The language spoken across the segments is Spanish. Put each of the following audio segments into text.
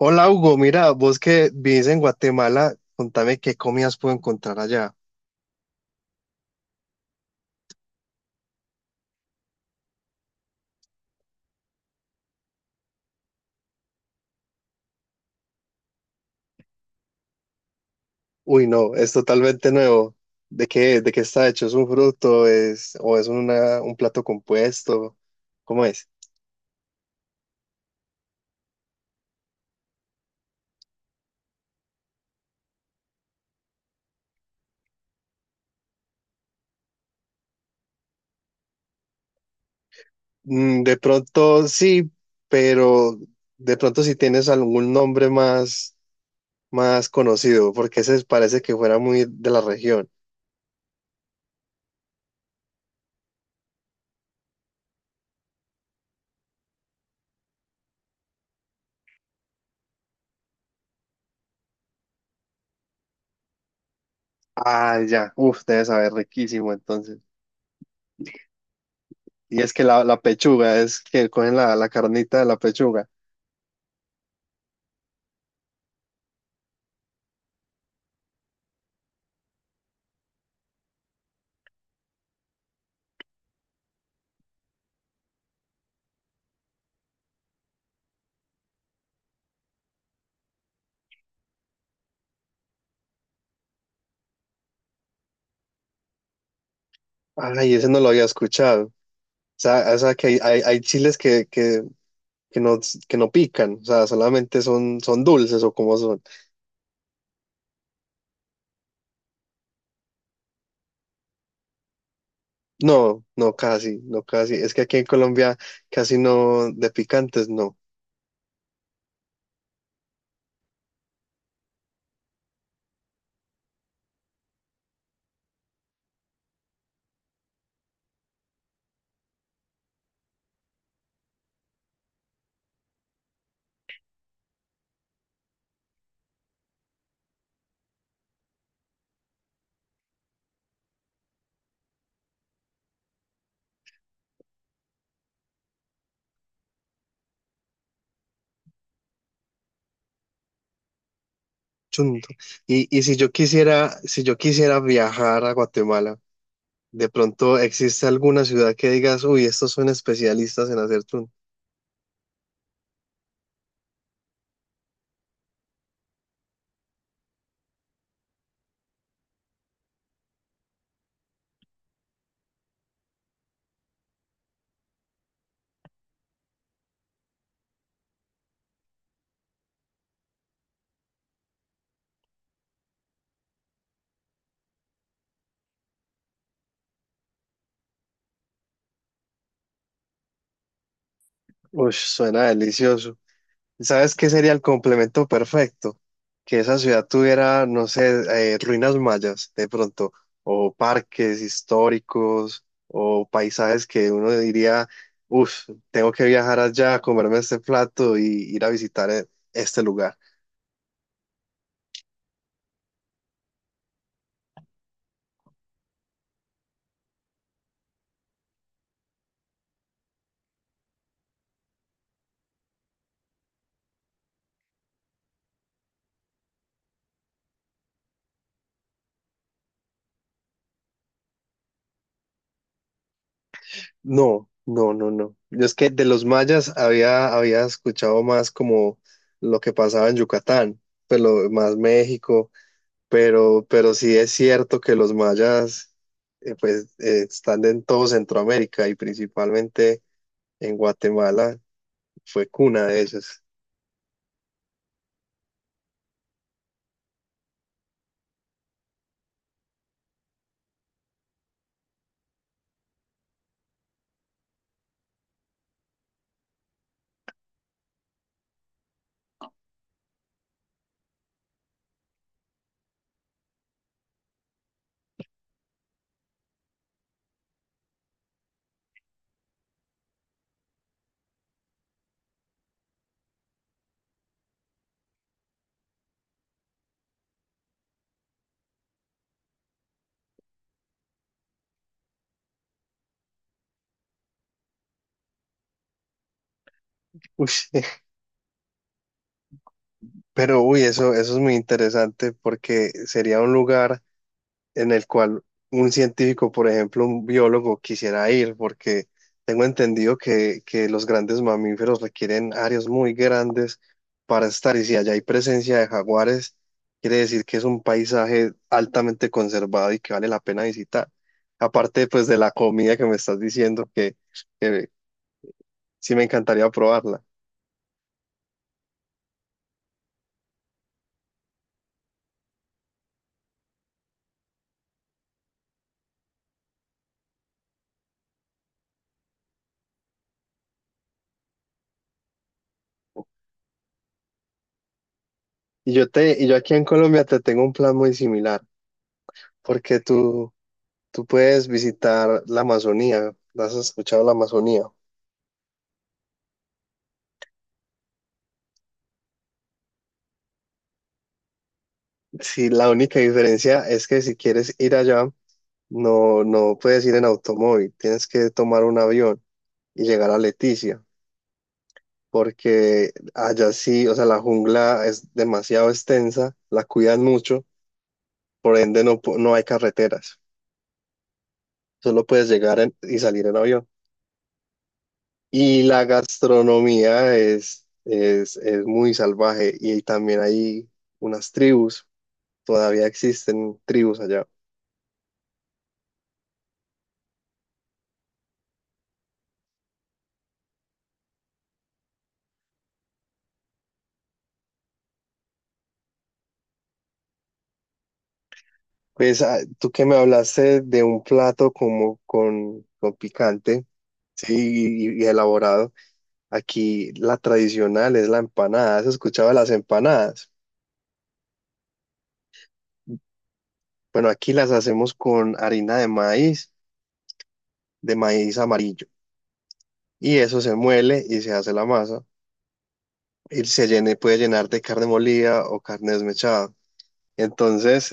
Hola Hugo, mira, vos que vivís en Guatemala, contame qué comidas puedo encontrar allá. Uy, no, es totalmente nuevo. De qué está hecho? ¿Es un fruto? ¿Es, o es una, un plato compuesto? ¿Cómo es? Mm, de pronto sí, pero de pronto si tienes algún nombre más, más conocido, porque ese parece que fuera muy de la región. Ah, ya, uf, debe saber riquísimo entonces. Y es que la pechuga, es que cogen la carnita de la pechuga. Ay, ese no lo había escuchado. O sea que hay chiles que no, que no pican, o sea, solamente son, son dulces o como son. No, no, casi, no, casi. Es que aquí en Colombia casi no, de picantes, no. Chunto. Y si yo quisiera, si yo quisiera viajar a Guatemala, de pronto existe alguna ciudad que digas, uy, estos son especialistas en hacer chunto. Uy, suena delicioso. ¿Sabes qué sería el complemento perfecto? Que esa ciudad tuviera, no sé, ruinas mayas de pronto, o parques históricos, o paisajes que uno diría, uff, tengo que viajar allá, a comerme este plato y ir a visitar este lugar. No, no, no, no. Yo es que de los mayas había, había escuchado más como lo que pasaba en Yucatán, pero más México. Pero sí es cierto que los mayas pues están en todo Centroamérica y principalmente en Guatemala fue cuna de ellos. Uy, pero uy, eso es muy interesante porque sería un lugar en el cual un científico, por ejemplo, un biólogo quisiera ir, porque tengo entendido que los grandes mamíferos requieren áreas muy grandes para estar, y si allá hay presencia de jaguares, quiere decir que es un paisaje altamente conservado y que vale la pena visitar. Aparte, pues, de la comida que me estás diciendo, que sí me encantaría probarla. Y yo te, y yo aquí en Colombia te tengo un plan muy similar, porque tú puedes visitar la Amazonía. ¿Has escuchado la Amazonía? Sí, la única diferencia es que si quieres ir allá, no, no puedes ir en automóvil, tienes que tomar un avión y llegar a Leticia, porque allá sí, o sea, la jungla es demasiado extensa, la cuidan mucho, por ende no, no hay carreteras, solo puedes llegar y salir en avión. Y la gastronomía es muy salvaje y también hay unas tribus, todavía existen tribus allá. Pues ah, tú que me hablaste de un plato como con picante, sí, y elaborado. Aquí la tradicional es la empanada. ¿Has escuchado de las empanadas? Bueno, aquí las hacemos con harina de maíz amarillo. Y eso se muele y se hace la masa. Y se llene, puede llenar de carne molida o carne desmechada. Entonces,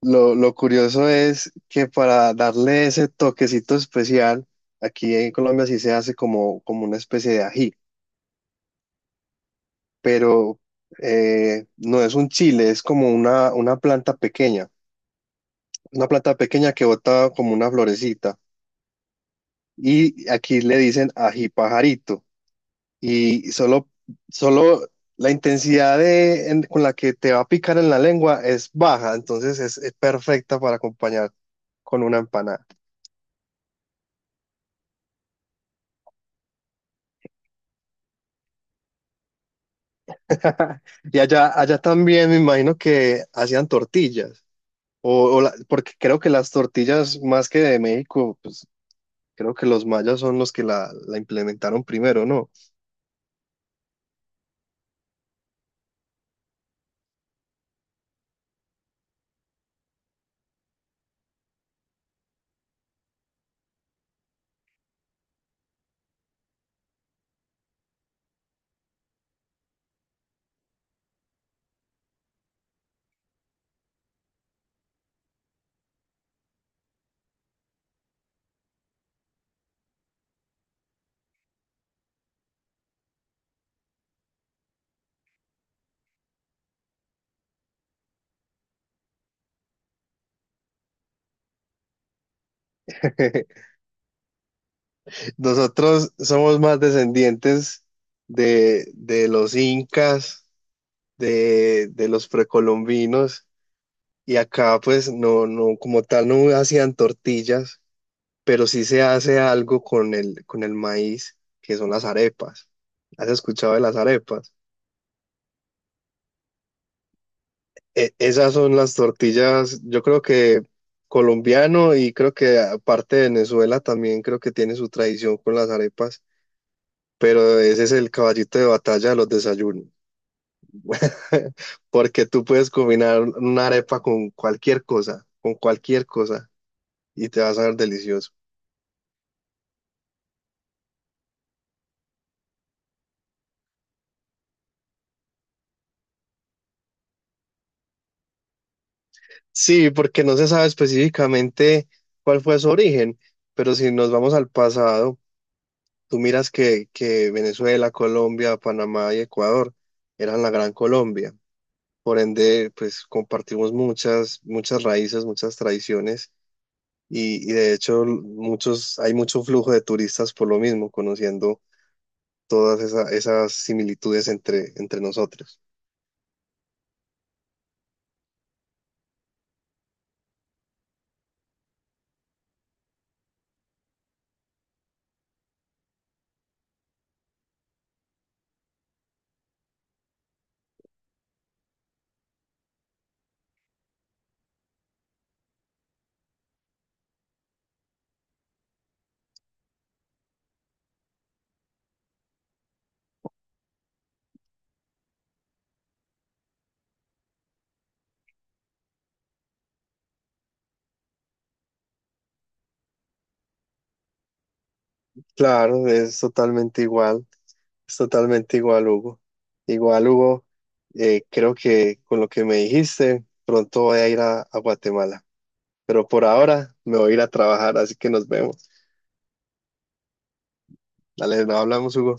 lo curioso es que para darle ese toquecito especial, aquí en Colombia sí se hace como, como una especie de ají. Pero no es un chile, es como una planta pequeña que bota como una florecita. Y aquí le dicen ají pajarito. Y solo, solo la intensidad de, con la que te va a picar en la lengua es baja, entonces es perfecta para acompañar con una empanada. Y allá, allá también me imagino que hacían tortillas. O, porque creo que las tortillas más que de México, pues creo que los mayas son los que la implementaron primero, ¿no? Nosotros somos más descendientes de los incas, de los precolombinos, y acá pues no, no, como tal no hacían tortillas, pero sí se hace algo con el maíz, que son las arepas. ¿Has escuchado de las arepas? Esas son las tortillas, yo creo que colombiano y creo que aparte de Venezuela también creo que tiene su tradición con las arepas, pero ese es el caballito de batalla de los desayunos, porque tú puedes combinar una arepa con cualquier cosa y te va a saber delicioso. Sí, porque no se sabe específicamente cuál fue su origen, pero si nos vamos al pasado, tú miras que Venezuela, Colombia, Panamá y Ecuador eran la Gran Colombia. Por ende, pues compartimos muchas, muchas raíces, muchas tradiciones y de hecho muchos, hay mucho flujo de turistas por lo mismo, conociendo todas esas similitudes entre, entre nosotros. Claro, es totalmente igual, Hugo. Igual, Hugo, creo que con lo que me dijiste, pronto voy a ir a Guatemala, pero por ahora me voy a ir a trabajar, así que nos vemos. Dale, no hablamos, Hugo.